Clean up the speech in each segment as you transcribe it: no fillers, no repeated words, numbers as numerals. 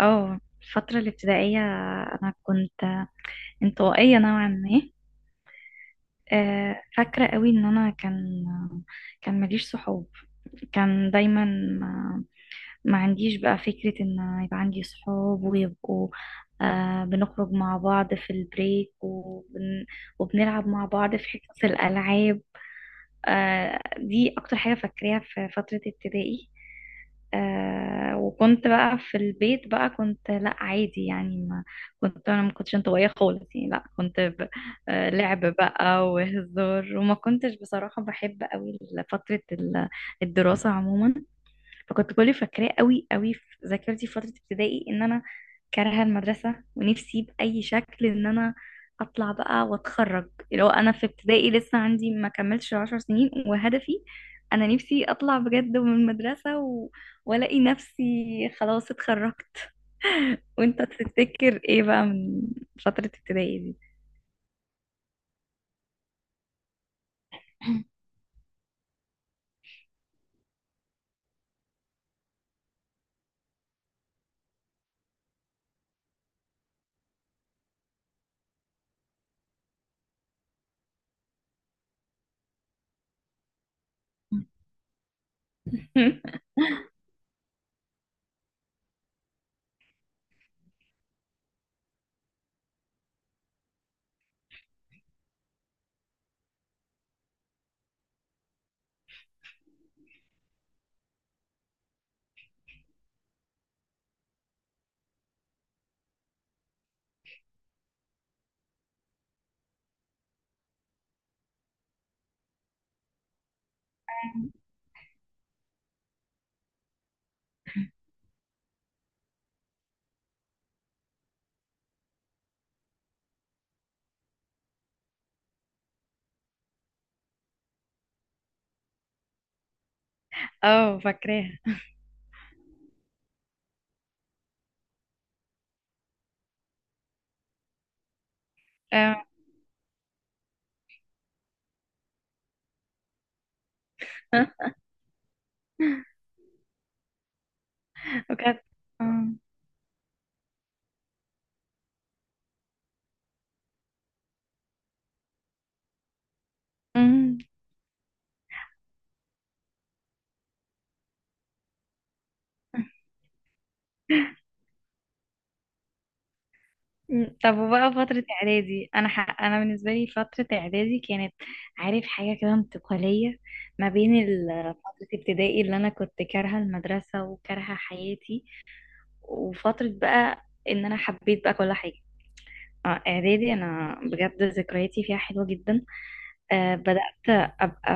اه، الفترة الابتدائية. أنا كنت انطوائية نوعا ما. فاكرة قوي إن أنا كان ماليش صحاب. كان دايما ما عنديش بقى فكرة إن يبقى عندي صحاب ويبقوا، بنخرج مع بعض في البريك وبنلعب مع بعض في حصص الألعاب. دي اكتر حاجة فاكراها في فترة ابتدائي. وكنت بقى في البيت بقى، كنت لا عادي يعني. ما كنتش انطوائية خالص يعني، لا كنت. لعب بقى وهزار، وما كنتش بصراحة بحب قوي فترة الدراسة عموما. فكنت كل اللي فاكراه قوي قوي في ذاكرتي في فترة ابتدائي ان انا كارهة المدرسة، ونفسي بأي شكل ان انا اطلع بقى واتخرج. لو انا في ابتدائي لسه عندي ما كملتش 10 سنين، وهدفي انا نفسي اطلع بجد من المدرسة، والاقي نفسي خلاص اتخرجت. وانت تفتكر ايه بقى من فترة ابتدائي دي؟ اه، فاكراها. آه. وكانت آه. مم. مم. طب، وبقى فترة إعدادي، أنا أنا بالنسبة لي فترة إعدادي كانت، عارف، حاجة كده انتقالية ما بين فترة ابتدائي اللي أنا كنت كارهة المدرسة وكارهة حياتي، وفترة بقى إن أنا حبيت بقى كل حاجة. إعدادي أنا بجد ذكرياتي فيها حلوة جدا. بدأت أبقى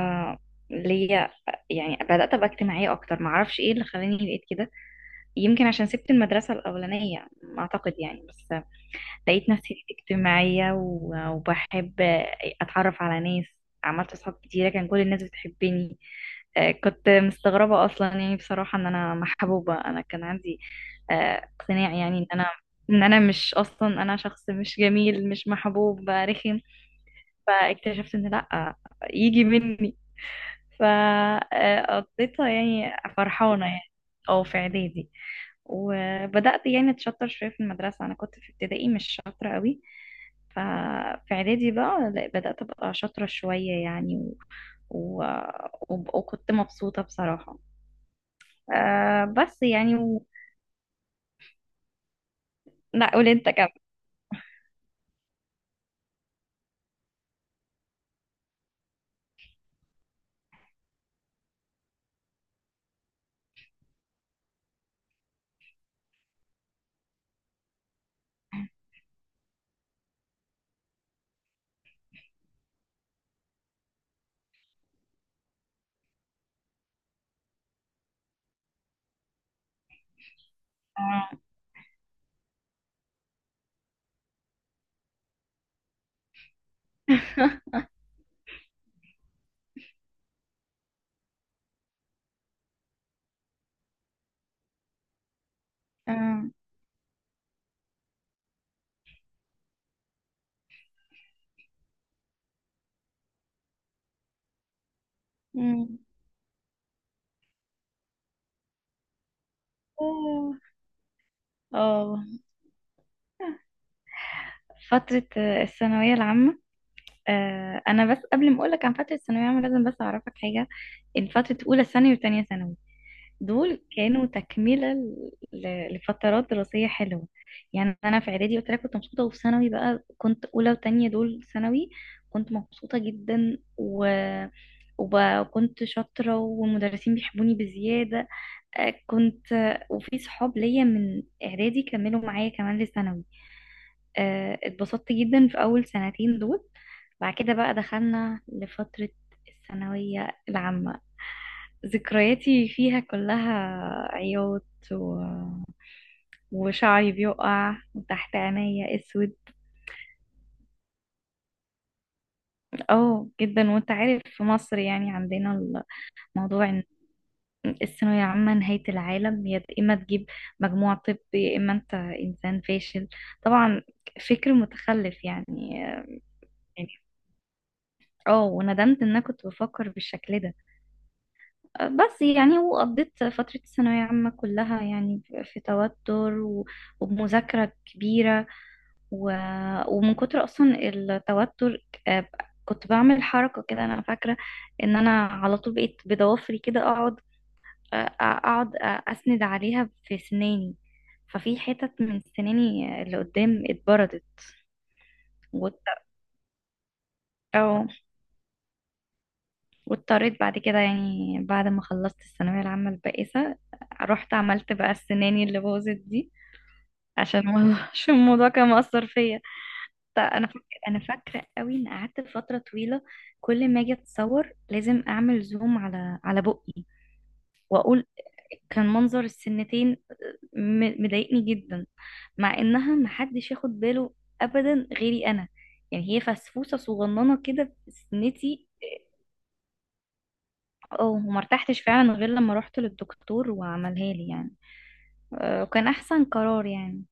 ليا يعني بدأت أبقى اجتماعية أكتر، معرفش إيه اللي خلاني بقيت كده. يمكن عشان سبت المدرسة الأولانية، أعتقد يعني بس. لقيت نفسي اجتماعية وبحب أتعرف على ناس. عملت أصحاب كتيرة، كان كل الناس بتحبني. كنت مستغربة أصلا يعني بصراحة إن أنا محبوبة. أنا كان عندي اقتناع يعني، إن أنا مش، أصلا أنا شخص مش جميل مش محبوب رخم. فاكتشفت إن لأ، يجي مني، فقضيتها يعني فرحانة يعني. أو في إعدادي وبدأت يعني اتشطر شوية في المدرسة. انا كنت في ابتدائي مش شاطرة قوي، ففي اعدادي بقى لا، بدأت ابقى شاطرة شوية يعني، و... وكنت مبسوطة بصراحة. بس يعني. لا، قول انت كمان. آه. آه. مم. آه. آه. فترة الثانوية العامة. انا بس قبل ما اقولك عن فترة الثانوية العامة، لازم بس اعرفك حاجة. ان فترة اولى ثانوي وتانية ثانوي، دول كانوا تكملة لفترات دراسية حلوة. يعني أنا في إعدادي قلت لك كنت مبسوطة، وفي ثانوي بقى كنت أولى وتانية دول ثانوي، كنت مبسوطة جدا وب... وكنت شاطرة والمدرسين بيحبوني بزيادة. آه، كنت آه، وفي صحاب ليا من إعدادي كملوا معايا كمان لثانوي. اتبسطت جدا في أول سنتين دول. بعد كده بقى دخلنا لفترة الثانوية العامة، ذكرياتي فيها كلها عياط، و... وشعري بيقع وتحت عينيا اسود. اه، جدا. وانت عارف في مصر يعني عندنا الموضوع ان الثانوية العامة نهاية العالم. يا اما تجيب مجموع، طب يا اما انت انسان فاشل، طبعا، فكر متخلف يعني. يعني اه، وندمت ان انا كنت بفكر بالشكل ده، بس يعني. وقضيت فترة الثانوية عامة كلها يعني في توتر، وبمذاكرة كبيرة، و... ومن كتر أصلا التوتر. كنت بعمل حركة كده أنا فاكرة، إن أنا على طول بقيت بضوافري كده أقعد، أسند عليها في سناني. ففي حتت من سناني اللي قدام اتبردت، وات- أو- واضطريت بعد كده يعني، بعد ما خلصت الثانوية العامة البائسة، رحت عملت بقى السناني اللي باظت دي عشان الموضوع. عشان الموضوع كان مأثر فيا. طيب انا فاكره، قوي ان قعدت فتره طويله كل ما اجي اتصور لازم اعمل زوم على بقي. واقول كان منظر السنتين مضايقني جدا، مع انها محدش ياخد باله ابدا غيري انا. يعني هي فسفوسه صغننه كده في سنتي. اه، وما ارتحتش فعلا غير لما رحت للدكتور وعملها لي يعني. وكان احسن قرار يعني.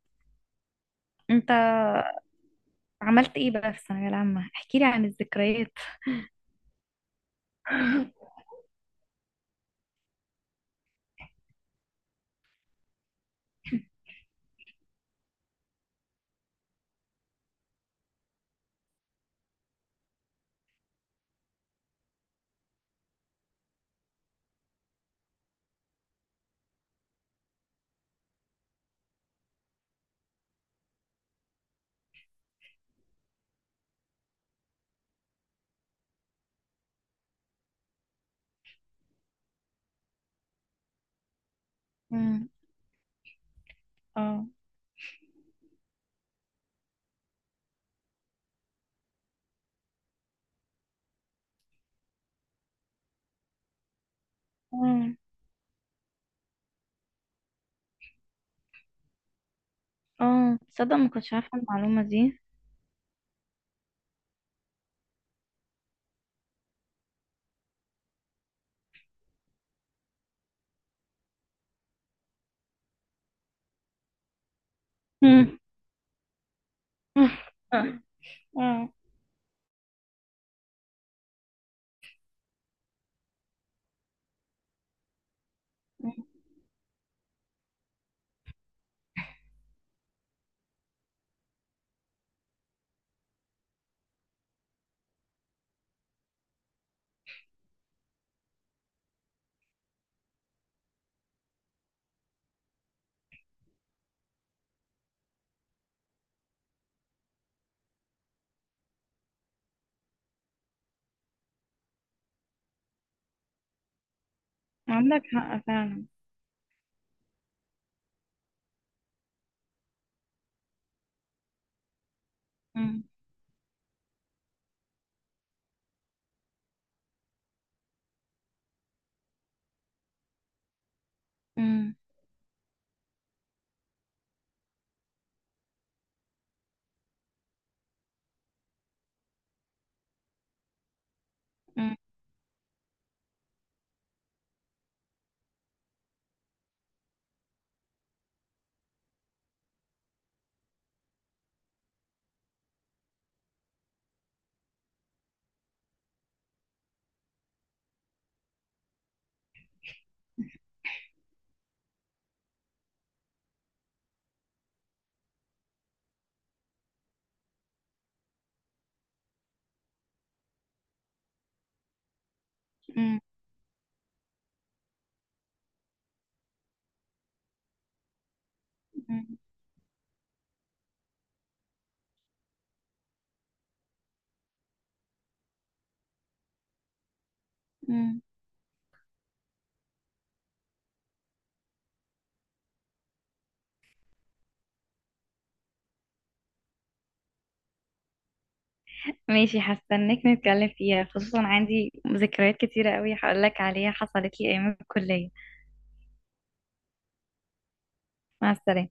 انت عملت ايه بقى في الثانويه العامه؟ احكي لي عن الذكريات. امم. اه. امم. اه، تصدق ما كنتش عارفة المعلومة دي. امم. اه. آه. عندك حق فعلا. امم. امم. امم. امم. امم. ماشي، هستناك نتكلم فيها، خصوصا عندي ذكريات كتيرة قوي هقولك عليها حصلت لي أيام الكلية. مع السلامة.